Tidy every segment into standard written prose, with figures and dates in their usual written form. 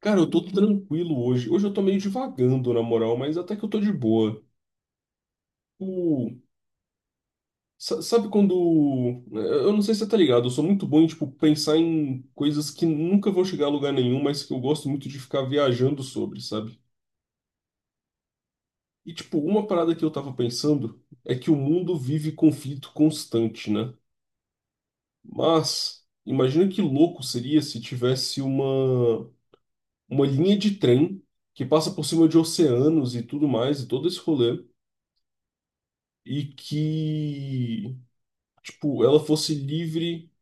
Cara, eu tô tranquilo hoje. Hoje eu tô meio divagando, na moral, mas até que eu tô de boa. O... Sabe quando, né? Eu não sei se você tá ligado, eu sou muito bom em, tipo, pensar em coisas que nunca vão chegar a lugar nenhum, mas que eu gosto muito de ficar viajando sobre, sabe? E, tipo, uma parada que eu tava pensando é que o mundo vive conflito constante, né? Mas imagina que louco seria se tivesse uma linha de trem que passa por cima de oceanos e tudo mais, e todo esse rolê, e que, tipo, ela fosse livre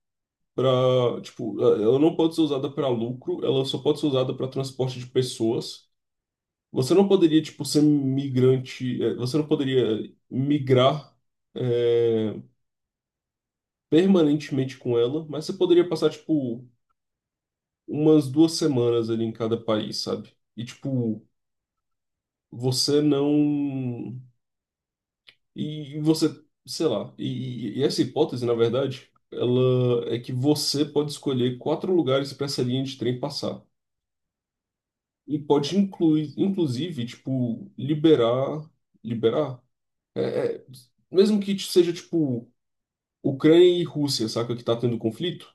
para, tipo, ela não pode ser usada para lucro, ela só pode ser usada para transporte de pessoas. Você não poderia, tipo, ser migrante, você não poderia migrar eh, permanentemente com ela, mas você poderia passar, tipo, umas 2 semanas ali em cada país, sabe? E, tipo, você não. E você, sei lá, e essa hipótese, na verdade, ela é que você pode escolher quatro lugares para essa linha de trem passar. E pode incluir, inclusive, tipo, liberar, mesmo que seja, tipo, Ucrânia e Rússia, saca, que tá tendo conflito,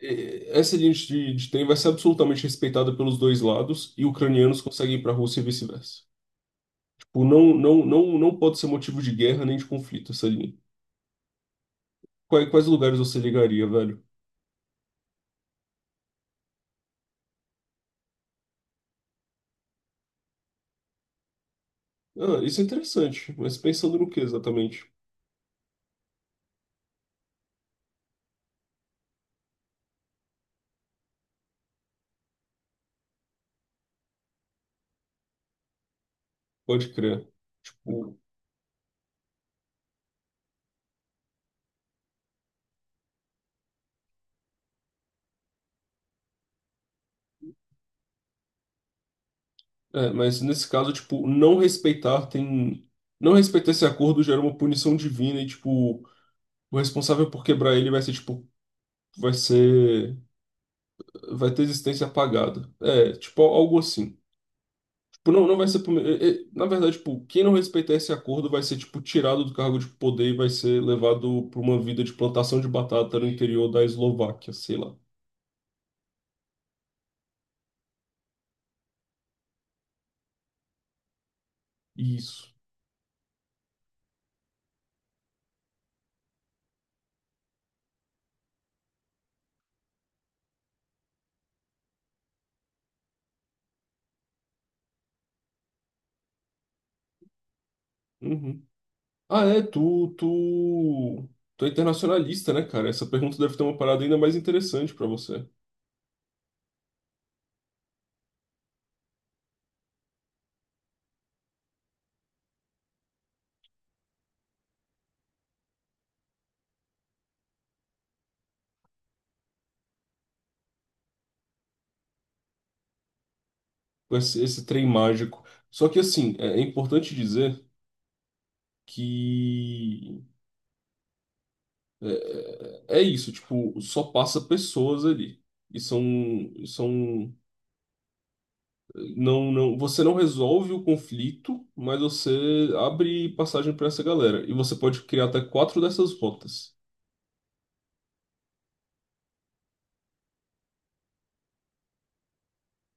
essa linha de trem vai ser absolutamente respeitada pelos dois lados e ucranianos conseguem ir para a Rússia e vice-versa. Tipo, não, não, não, não pode ser motivo de guerra nem de conflito essa linha. Quais lugares você ligaria, velho? Ah, isso é interessante, mas pensando no que exatamente? Pode crer. O- É, mas nesse caso, tipo, não respeitar tem. Não respeitar esse acordo gera uma punição divina e, tipo, o responsável por quebrar ele vai ser, tipo, vai ser. Vai ter existência apagada. É, tipo, algo assim. Tipo, não, não vai ser. Na verdade, tipo, quem não respeitar esse acordo vai ser, tipo, tirado do cargo de poder e vai ser levado para uma vida de plantação de batata no interior da Eslováquia, sei lá. Isso. Uhum. Ah, tu é internacionalista, né, cara? Essa pergunta deve ter uma parada ainda mais interessante pra você. Com esse trem mágico. Só que, assim, é importante dizer que é, é isso, tipo, só passa pessoas ali. E são, são Não, não, você não resolve o conflito, mas você abre passagem para essa galera. E você pode criar até quatro dessas rotas.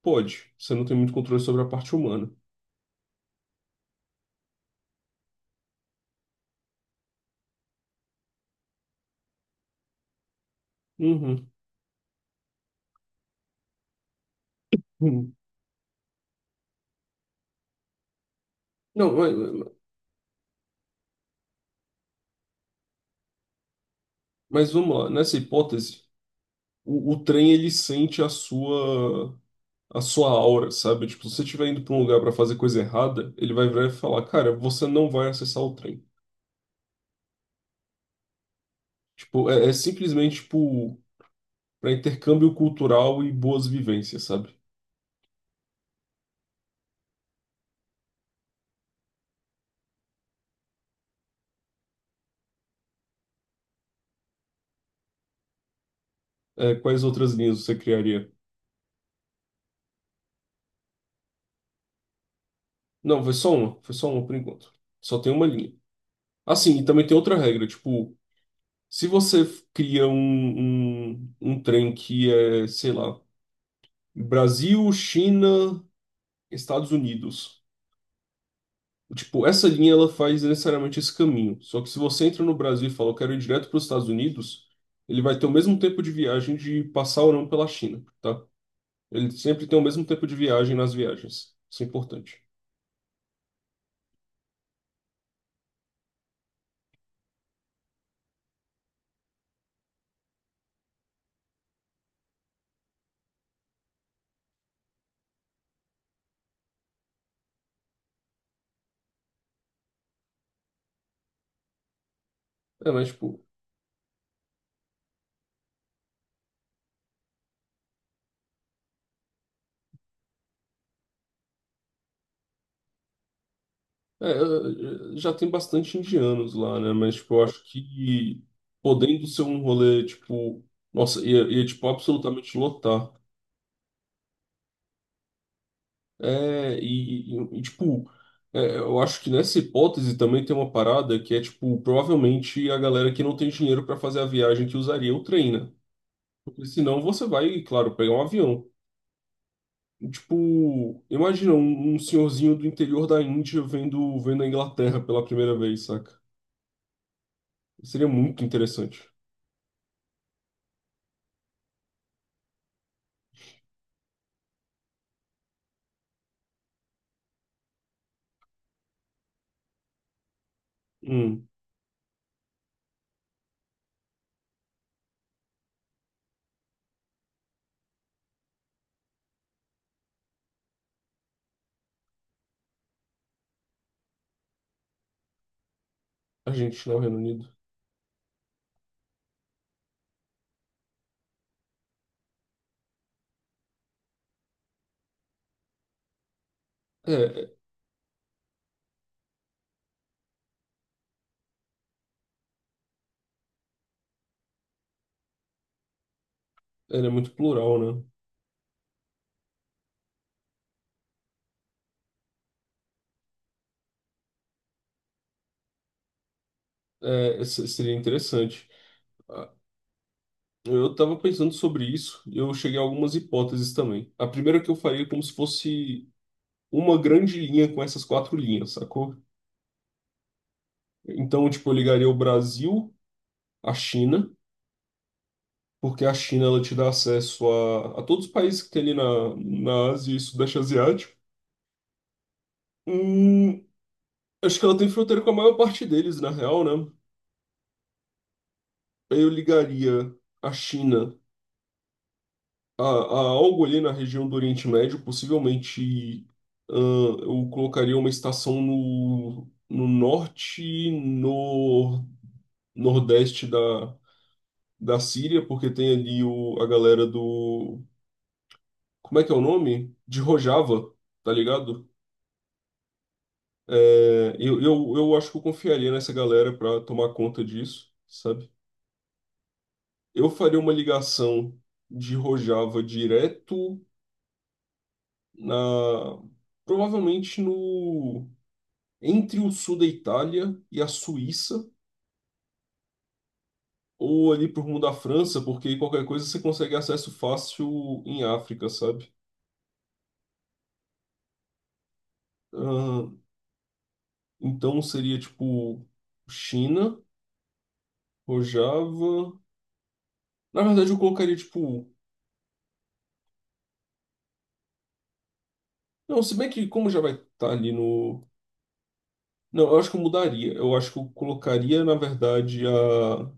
Pode. Você não tem muito controle sobre a parte humana. Uhum. Uhum. Não, mas vamos lá. Nessa hipótese, o trem ele sente a sua aura, sabe? Tipo, se você estiver indo para um lugar para fazer coisa errada, ele vai virar e falar, cara, você não vai acessar o trem. Tipo, é simplesmente tipo para intercâmbio cultural e boas vivências, sabe? É, quais outras linhas você criaria? Não, foi só uma por enquanto. Só tem uma linha. Assim, e também tem outra regra, tipo, se você f- cria um trem que é, sei lá, Brasil, China, Estados Unidos. Tipo, essa linha ela faz necessariamente esse caminho. Só que se você entra no Brasil e fala, eu quero ir direto para os Estados Unidos, ele vai ter o mesmo tempo de viagem de passar ou não pela China, tá? Ele sempre tem o mesmo tempo de viagem nas viagens. Isso é importante. É, mas, tipo, é, já tem bastante indianos lá, né? Mas, tipo, eu acho que podendo ser um rolê, tipo, nossa, ia tipo, absolutamente lotar. Tipo, é, eu acho que nessa hipótese também tem uma parada que é, tipo, provavelmente a galera que não tem dinheiro para fazer a viagem que usaria o trem, né? Porque senão você vai, claro, pegar um avião. E, tipo, imagina um senhorzinho do interior da Índia vendo a Inglaterra pela primeira vez, saca? Seria muito interessante. Hum, a gente não Reino Unido. É, é, Ele é muito plural, né? É, seria interessante. Eu estava pensando sobre isso e eu cheguei a algumas hipóteses também. A primeira que eu faria é como se fosse uma grande linha com essas quatro linhas, sacou? Então, tipo, eu ligaria o Brasil à China, porque a China ela te dá acesso a todos os países que tem ali na Ásia e Sudeste Asiático. Hum, Acho que ela tem fronteira com a maior parte deles, na real, né? Eu ligaria a China A, a, algo ali na região do Oriente Médio, possivelmente, eu colocaria uma estação no norte, e no nordeste da Síria, porque tem ali o, a galera do. Como é que é o nome? De Rojava, tá ligado? É, eu acho que eu confiaria nessa galera para tomar conta disso, sabe? Eu faria uma ligação de Rojava direto na. Provavelmente no. Entre o sul da Itália e a Suíça, ou ali pro rumo da França, porque aí qualquer coisa você consegue acesso fácil em África, sabe? Ah, então seria tipo China, Rojava. Na verdade, eu colocaria tipo. Não, se bem que como já vai estar ali no. Não, eu acho que eu mudaria. Eu acho que eu colocaria, na verdade, a.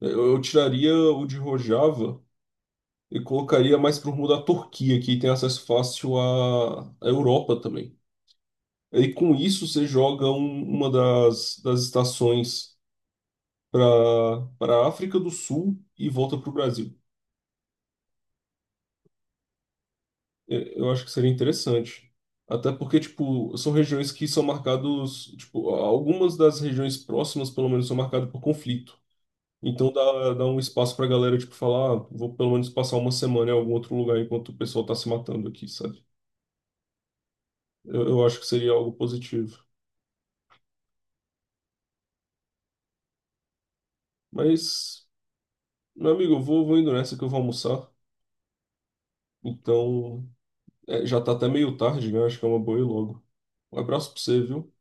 Eu tiraria o de Rojava e colocaria mais pro rumo da Turquia, que tem acesso fácil à Europa também. E com isso você joga uma das estações para a África do Sul e volta para o Brasil. É, eu acho que seria interessante. Até porque, tipo, são regiões que são marcados, tipo, algumas das regiões próximas, pelo menos, são marcadas por conflito. Então dá um espaço pra galera, tipo, falar, ah, vou pelo menos passar uma semana em algum outro lugar enquanto o pessoal tá se matando aqui, sabe? Eu acho que seria algo positivo. Mas, meu amigo, eu vou indo nessa que eu vou almoçar. Então, é, já tá até meio tarde, né? Acho que é uma boa ir logo. Um abraço pra você, viu?